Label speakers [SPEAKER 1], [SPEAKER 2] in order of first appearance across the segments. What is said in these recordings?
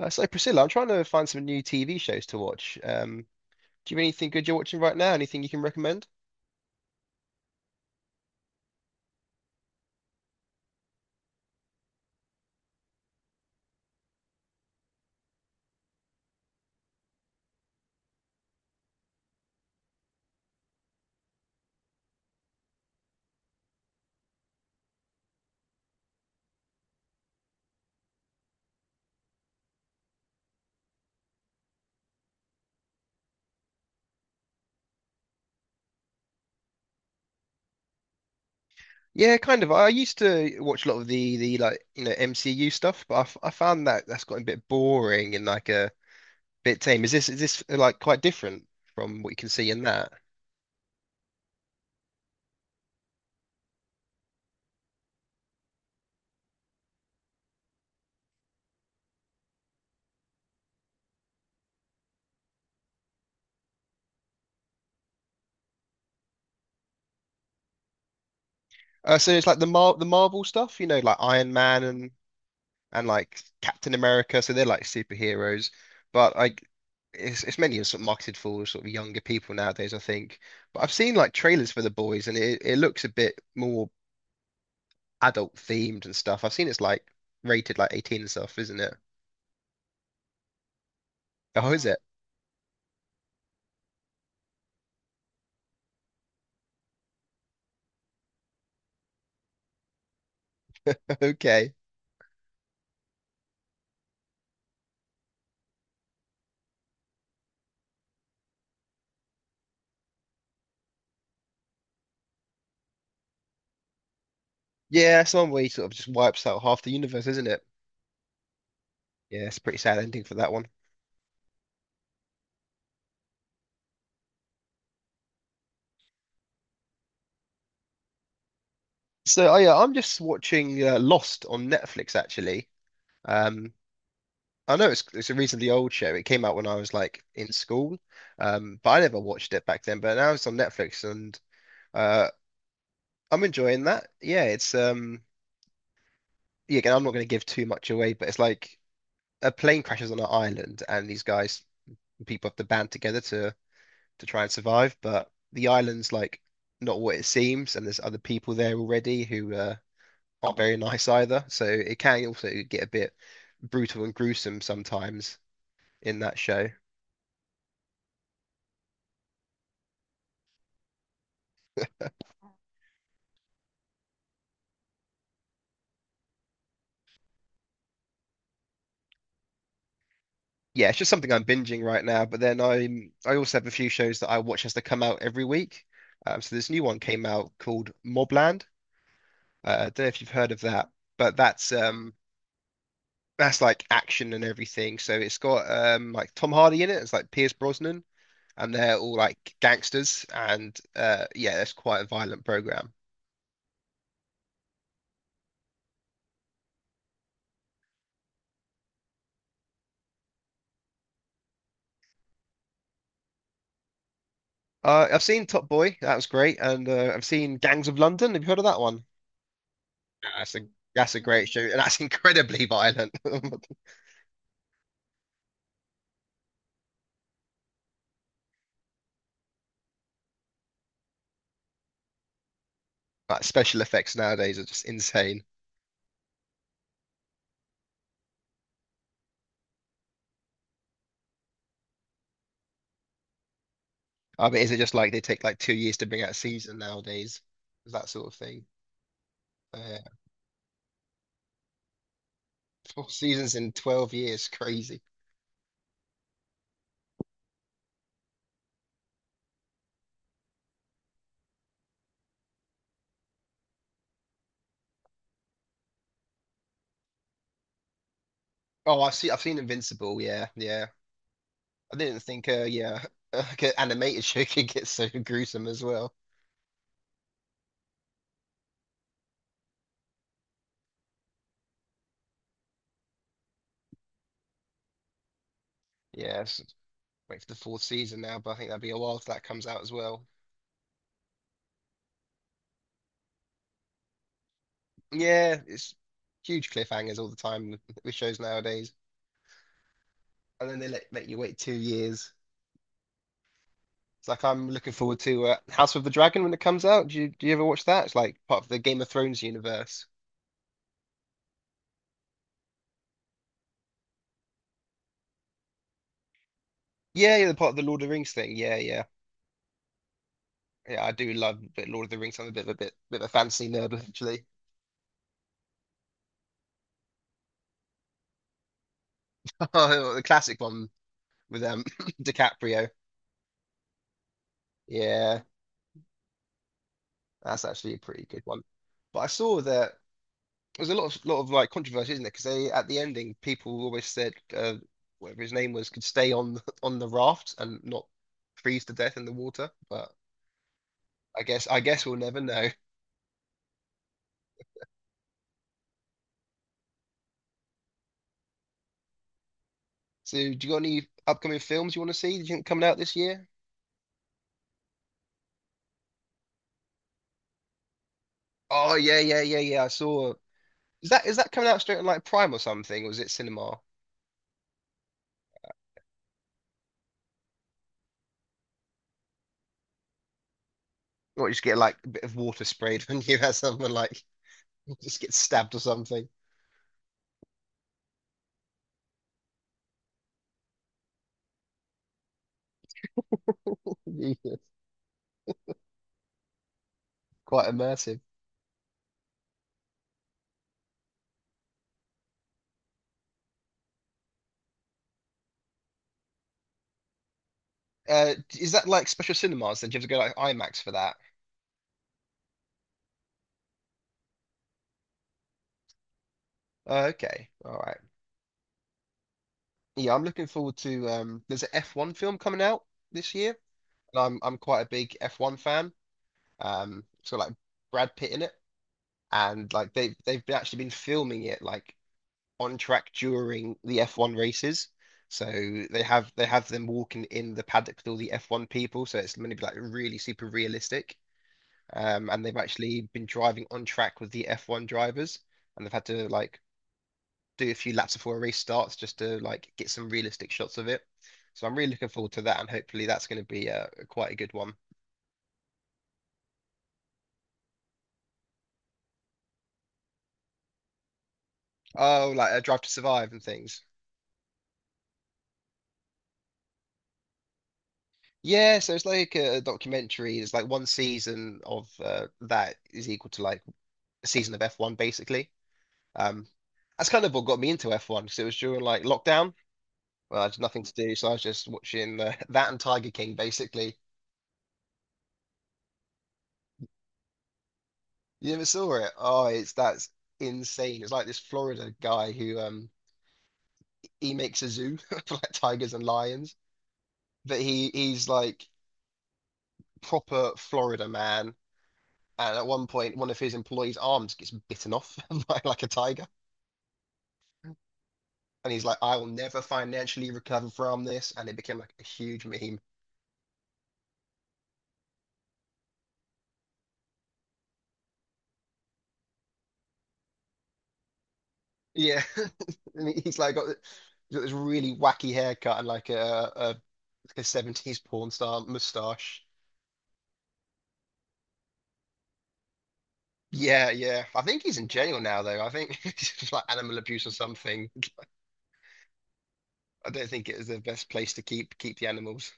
[SPEAKER 1] So Priscilla, I'm trying to find some new TV shows to watch. Do you have anything good you're watching right now? Anything you can recommend? Yeah, kind of. I used to watch a lot of the MCU stuff, but I found that that's gotten a bit boring and like a bit tame. Is this like quite different from what you can see in that? So it's like the Marvel stuff, you know, like Iron Man and like Captain America, so they're like superheroes. But like it's mainly sort of marketed for sort of younger people nowadays, I think. But I've seen like trailers for The Boys and it looks a bit more adult themed and stuff. I've seen it's like rated like 18 and stuff, isn't it? Oh, is it? Okay. Yeah, some way sort of just wipes out half the universe, isn't it? Yeah, it's a pretty sad ending for that one. Oh yeah, I'm just watching Lost on Netflix actually. Um, I know it's a reasonably old show. It came out when I was like in school, but I never watched it back then. But now it's on Netflix, and uh, I'm enjoying that. Yeah. Again, I'm not going to give too much away, but it's like a plane crashes on an island, and people have to band together to try and survive. But the island's like not what it seems, and there's other people there already who aren't very nice either. So it can also get a bit brutal and gruesome sometimes in that show. Yeah, it's just something I'm binging right now. But then I also have a few shows that I watch as they come out every week. So this new one came out called Mobland. I don't know if you've heard of that, but that's like action and everything. So it's got like Tom Hardy in it. It's like Pierce Brosnan, and they're all like gangsters. And yeah, that's quite a violent program. I've seen Top Boy. That was great, and I've seen Gangs of London. Have you heard of that one? That's a that's a great show, and that's incredibly violent. Like special effects nowadays are just insane. I mean, is it just like they take like 2 years to bring out a season nowadays? That sort of thing. Uh, Four seasons in 12 years, crazy. Oh, I've seen Invincible, yeah, yeah. I didn't think yeah, like an animated show could get so gruesome as well. Yeah, it's- Wait for the fourth season now, but I think that'll be a while till that comes out as well. Yeah, it's huge cliffhangers all the time with shows nowadays. And then let you wait 2 years. It's like I'm looking forward to House of the Dragon when it comes out. Do you ever watch that? It's like part of the Game of Thrones universe. Yeah, yeah, the part of the Lord of the Rings thing. Yeah, yeah. Yeah, I do love a bit Lord of the Rings. I'm a bit of a bit, bit of a fantasy nerd actually. The classic one with DiCaprio. Yeah, that's actually a pretty good one. But I saw that there was a lot of like controversy, isn't there? Because they at the ending, people always said whatever his name was could stay on on the raft and not freeze to death in the water. But I guess we'll never know. So, do you got any upcoming films you want to see? Do you think coming out this year? Oh yeah, yeah, yeah, yeah. I saw. Is that coming out straight on like Prime or something, or is it cinema? Or you just get like a bit of water sprayed when you have someone like just get stabbed or something. Yeah, quite immersive. Is that like special cinemas? Then do you have to go like IMAX for that? Oh, okay, all right. Yeah, I'm looking forward to. There's an F1 film coming out this year, and I'm quite a big F1 fan. It's got like Brad Pitt in it. And like they've been- actually been filming it like on track during the F1 races. So they have them walking in the paddock with all the F1 people. So it's going to be like really super realistic. And they've actually been driving on track with the F1 drivers, and they've had to like do a few laps before a race starts just to like get some realistic shots of it. So I'm really looking forward to that, and hopefully that's going to be quite a good one. Oh, like a Drive to Survive and things. Yeah, so it's like a documentary. It's like one season of that is equal to like a season of F1 basically. Um, that's kind of what got me into F1 because it was during like lockdown. Well, I had nothing to do, so I was just watching that and Tiger King basically. You never saw it? Oh, it's that's insane. It's like this Florida guy who he makes a zoo for like tigers and lions, but he's like proper Florida man. And at one point, one of his employees' arms gets bitten off by like a tiger. And he's like, I will never financially recover from this, and it became like a huge meme. Yeah, and he's like got, th- got this really wacky haircut and like like a 70s porn star mustache. Yeah, yeah. I think he's in jail now though. I think it's just like animal abuse or something. I don't think it is the best place to keep the animals.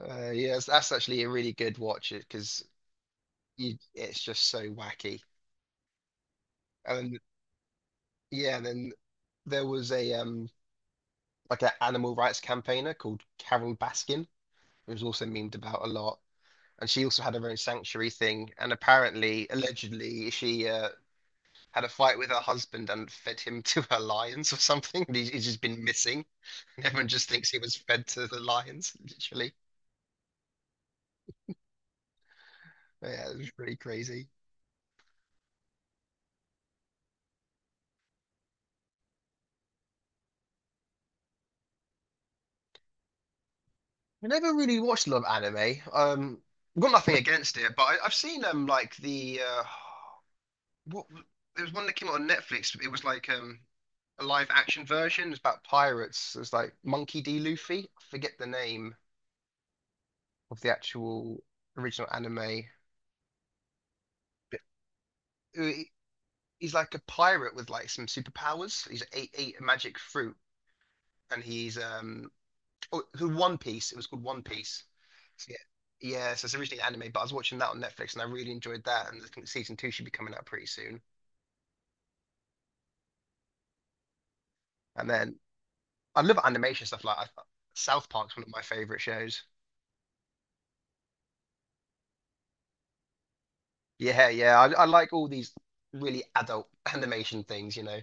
[SPEAKER 1] Yeah, that's actually a really good watch it because you it's just so wacky. And then, yeah, and then there was a like an animal rights campaigner called Carol Baskin. It was also memed about a lot. And she also had her own sanctuary thing. And apparently, allegedly, she had a fight with her husband and fed him to her lions or something. And he's just been missing. And everyone just thinks he was fed to the lions, literally. Yeah, it was pretty crazy. I never really watched a lot of anime. I've got nothing against it. I've seen like what there was one that came out on Netflix. It was like a live action version. It was about pirates. It was like Monkey D. Luffy. I forget the name of the actual original anime. But uh, he- he's like a pirate with like some superpowers. He's ate a magic fruit, and he's um oh, who One Piece. It was called One Piece. So, yeah, yeah. So it's originally anime, but I was watching that on Netflix, and I really enjoyed that. And I think season two should be coming out pretty soon. And then I love animation stuff South Park's one of my favorite shows. Yeah, yeah. I like all these really adult animation things, you know.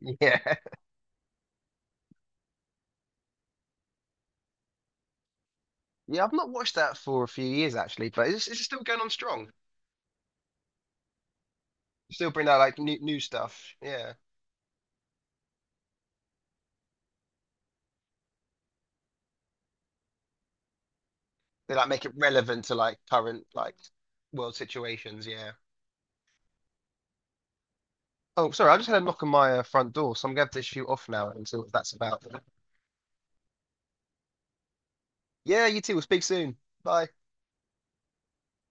[SPEAKER 1] Yeah. Yeah, I've not watched that for a few years actually, but is it still going on strong? Still bring out like new stuff. Yeah, they like make it relevant to like current like world situations. Yeah. Oh, sorry, I just had a knock on my front door, so I'm gonna have to shoot off now and see what that's about. Yeah, you too. We'll speak soon. Bye.